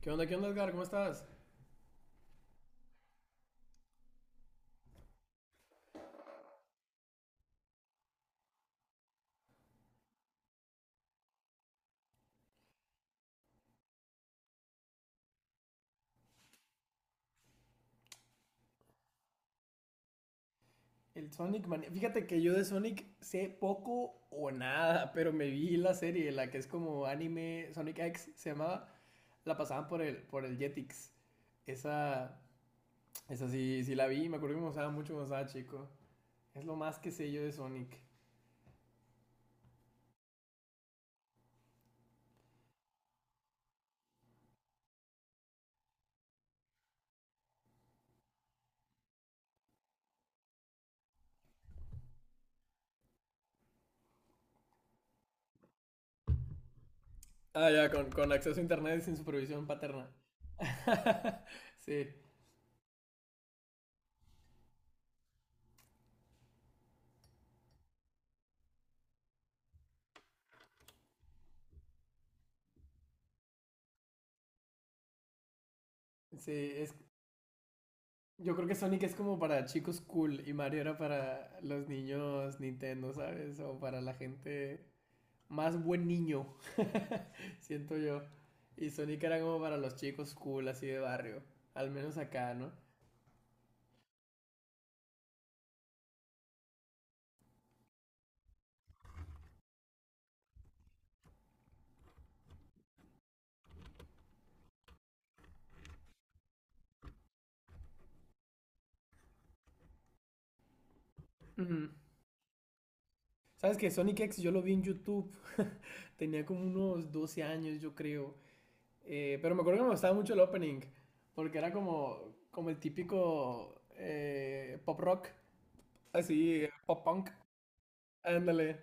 Qué onda, Edgar? ¿Cómo estás? El Sonic Mania. Fíjate que yo de Sonic sé poco o nada, pero me vi la serie, la que es como anime Sonic X, se llamaba. La pasaban por el Jetix. Esa, esa sí, sí la vi, me acuerdo que me gustaba mucho cuando estaba chico. Es lo más que sé yo de Sonic. Ah, ya, con acceso a internet y sin supervisión paterna. Sí, sí, es, yo creo que Sonic es como para chicos cool y Mario era para los niños Nintendo, ¿sabes? O para la gente más buen niño, siento yo. Y Sonic era como para los chicos cool, así de barrio. Al menos acá, ¿no? Uh-huh. Sabes que Sonic X yo lo vi en YouTube. Tenía como unos 12 años, yo creo. Pero me acuerdo que me gustaba mucho el opening. Porque era como el típico pop rock. Así, pop punk. Ándale.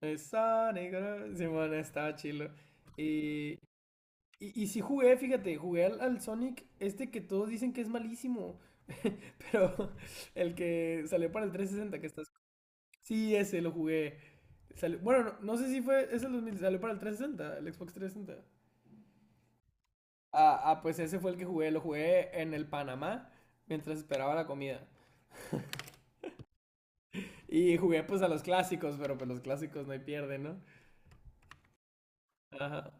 Sonic, ¿no? Simón, estaba chilo. Y, y sí jugué, fíjate, jugué al Sonic, este que todos dicen que es malísimo, pero el que salió para el 360, que estás... Sí, ese lo jugué. Bueno, no, no sé si fue, es el 2000, salió para el 360, el Xbox 360. Ah, ah, pues ese fue el que jugué, lo jugué en el Panamá mientras esperaba la comida. Y jugué pues a los clásicos, pero pues los clásicos no hay pierde, ¿no? Ajá.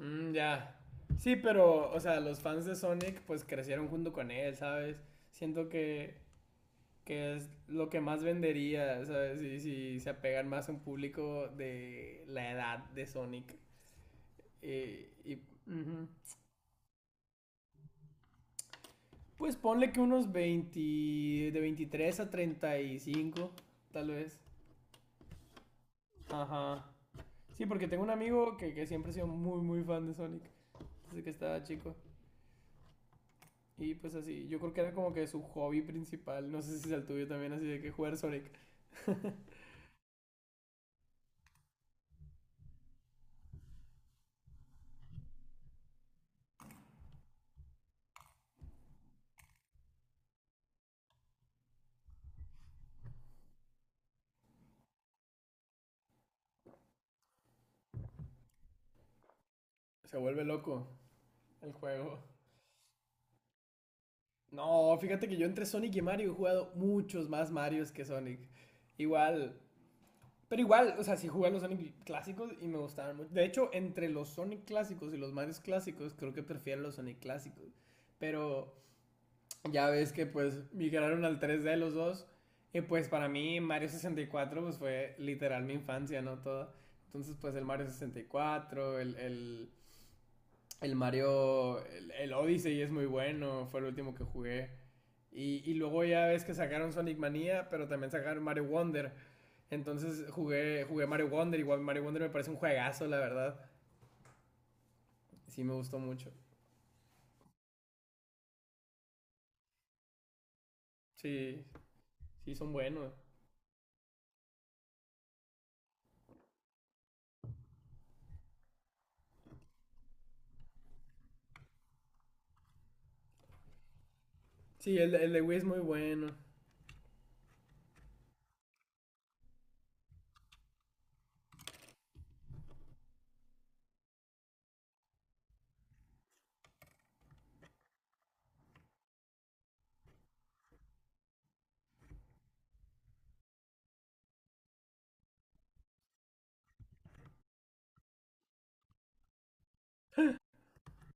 Mm, ya. Sí, pero, o sea, los fans de Sonic pues crecieron junto con él, ¿sabes? Siento que es lo que más vendería, ¿sabes? Y si se apegan más a un público de la edad de Sonic. Eh, y, Ujú. Pues ponle que unos 20, de 23 a 35, tal vez. Ajá. Sí, porque tengo un amigo que siempre ha sido muy, muy fan de Sonic, desde que estaba chico. Y pues así, yo creo que era como que su hobby principal, no sé si es el tuyo también, así de que jugar Sonic. Se vuelve loco el juego. No, fíjate que yo entre Sonic y Mario he jugado muchos más Marios que Sonic. Igual, pero igual, o sea, sí jugué a los Sonic clásicos y me gustaban mucho. De hecho, entre los Sonic clásicos y los Marios clásicos, creo que prefiero los Sonic clásicos. Pero ya ves que pues migraron al 3D los dos. Y pues para mí Mario 64 pues fue literal mi infancia, ¿no? Toda. Entonces pues el Mario 64, el Mario, el Odyssey es muy bueno, fue el último que jugué. Y luego ya ves que sacaron Sonic Mania, pero también sacaron Mario Wonder. Entonces jugué Mario Wonder. Igual Mario Wonder me parece un juegazo, la verdad. Sí, me gustó mucho. Sí, sí, son buenos. Sí, el de Wii es muy bueno.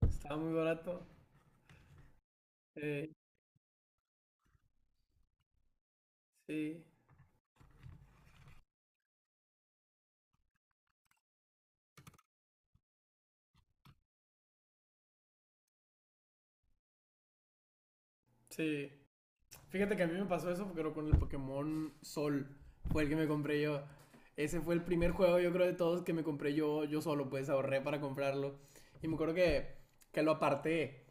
Estaba muy barato. Sí, sí, sí. Fíjate que a mí me pasó eso, pero con el Pokémon Sol. Fue el que me compré yo. Ese fue el primer juego, yo creo, de todos que me compré yo, yo solo, pues ahorré para comprarlo. Y me acuerdo que lo aparté.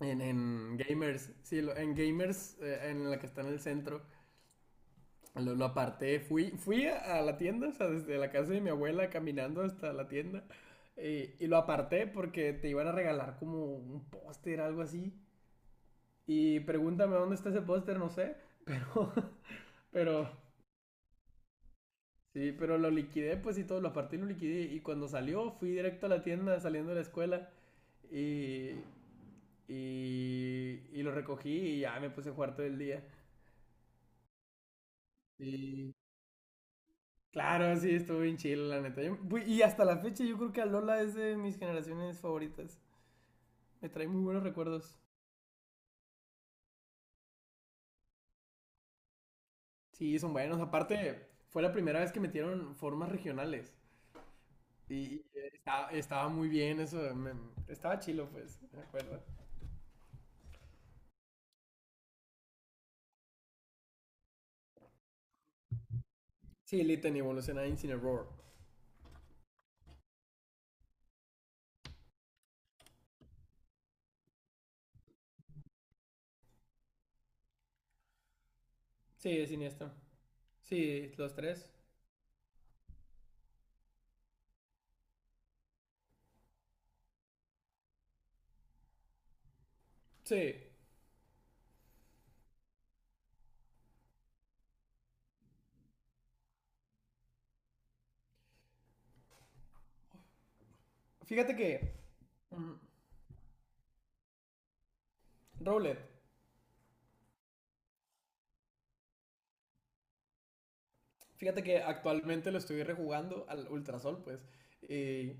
En Gamers, sí, en Gamers, en la que está en el centro, lo aparté. Fui a la tienda, o sea, desde la casa de mi abuela caminando hasta la tienda. Y lo aparté porque te iban a regalar como un póster, algo así. Y pregúntame dónde está ese póster, no sé. Pero, pero, sí, pero lo liquidé, pues y todo, lo aparté y lo liquidé. Y cuando salió, fui directo a la tienda saliendo de la escuela. Y, y lo recogí y ya me puse a jugar todo el día. Claro, sí, estuvo bien chido, la neta. Y hasta la fecha yo creo que Alola es de mis generaciones favoritas. Me trae muy buenos recuerdos. Sí, son buenos. Aparte, fue la primera vez que metieron formas regionales. Y estaba muy bien eso. Estaba chilo, pues, me acuerdo. Sí, Litten evoluciona Incineroar. Sí, es siniestro. Sí, los tres. Sí. Fíjate que, mm, Rowlet. Fíjate que actualmente lo estoy rejugando al Ultrasol, pues. Y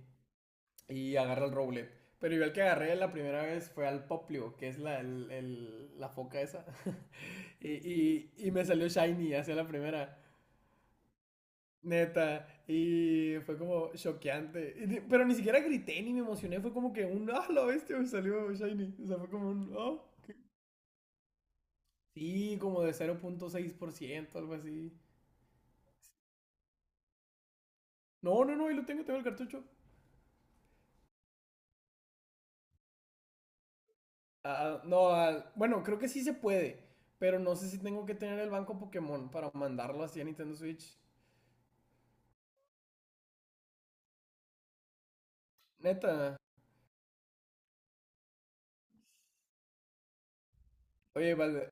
y agarra el roble. Pero yo el que agarré la primera vez fue al Poplio, que es la foca esa. Y me salió Shiny hacia la primera. Neta. Y fue como choqueante. Pero ni siquiera grité ni me emocioné. Fue como que un ah, la bestia me salió Shiny. O sea, fue como un ah. Qué-". Sí, como de 0,6% algo así. No, no, no, ahí lo tengo, tengo el cartucho. Ah, ah, no, ah, bueno, creo que sí se puede. Pero no sé si tengo que tener el banco Pokémon para mandarlo así a Nintendo Switch. Neta, oye,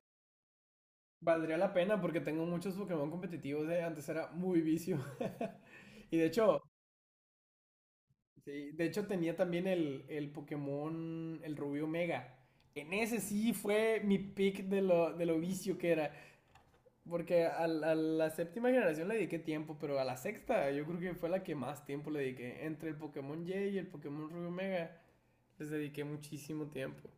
valdría la pena porque tengo muchos Pokémon competitivos. Antes era muy vicio. Y de hecho, sí, de hecho tenía también el Pokémon, el Rubio Mega. En ese sí fue mi pick de lo vicio que era. Porque a la séptima generación le dediqué tiempo, pero a la sexta yo creo que fue la que más tiempo le dediqué. Entre el Pokémon Y y el Pokémon Rubio Mega, les dediqué muchísimo tiempo.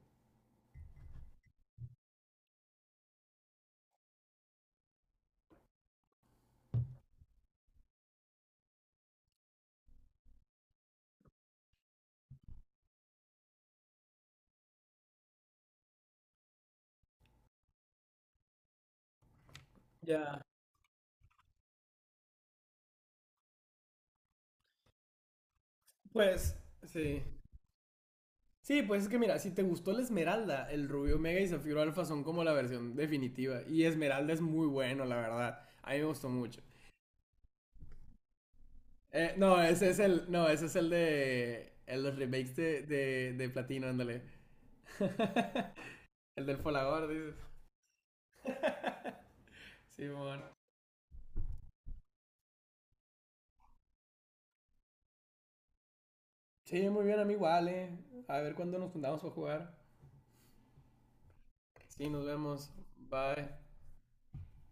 Ya, pues, sí. Sí, pues es que mira, si te gustó la Esmeralda, el Rubio Mega y Zafiro Alfa son como la versión definitiva. Y Esmeralda es muy bueno, la verdad. A mí me gustó mucho. No, ese es el, no, ese es el de el, los remakes de Platino, ándale. El del Folagor, dices. Sí, bueno. Sí, muy bien, amigo, vale. A ver cuándo nos juntamos para jugar. Sí, nos vemos. Bye.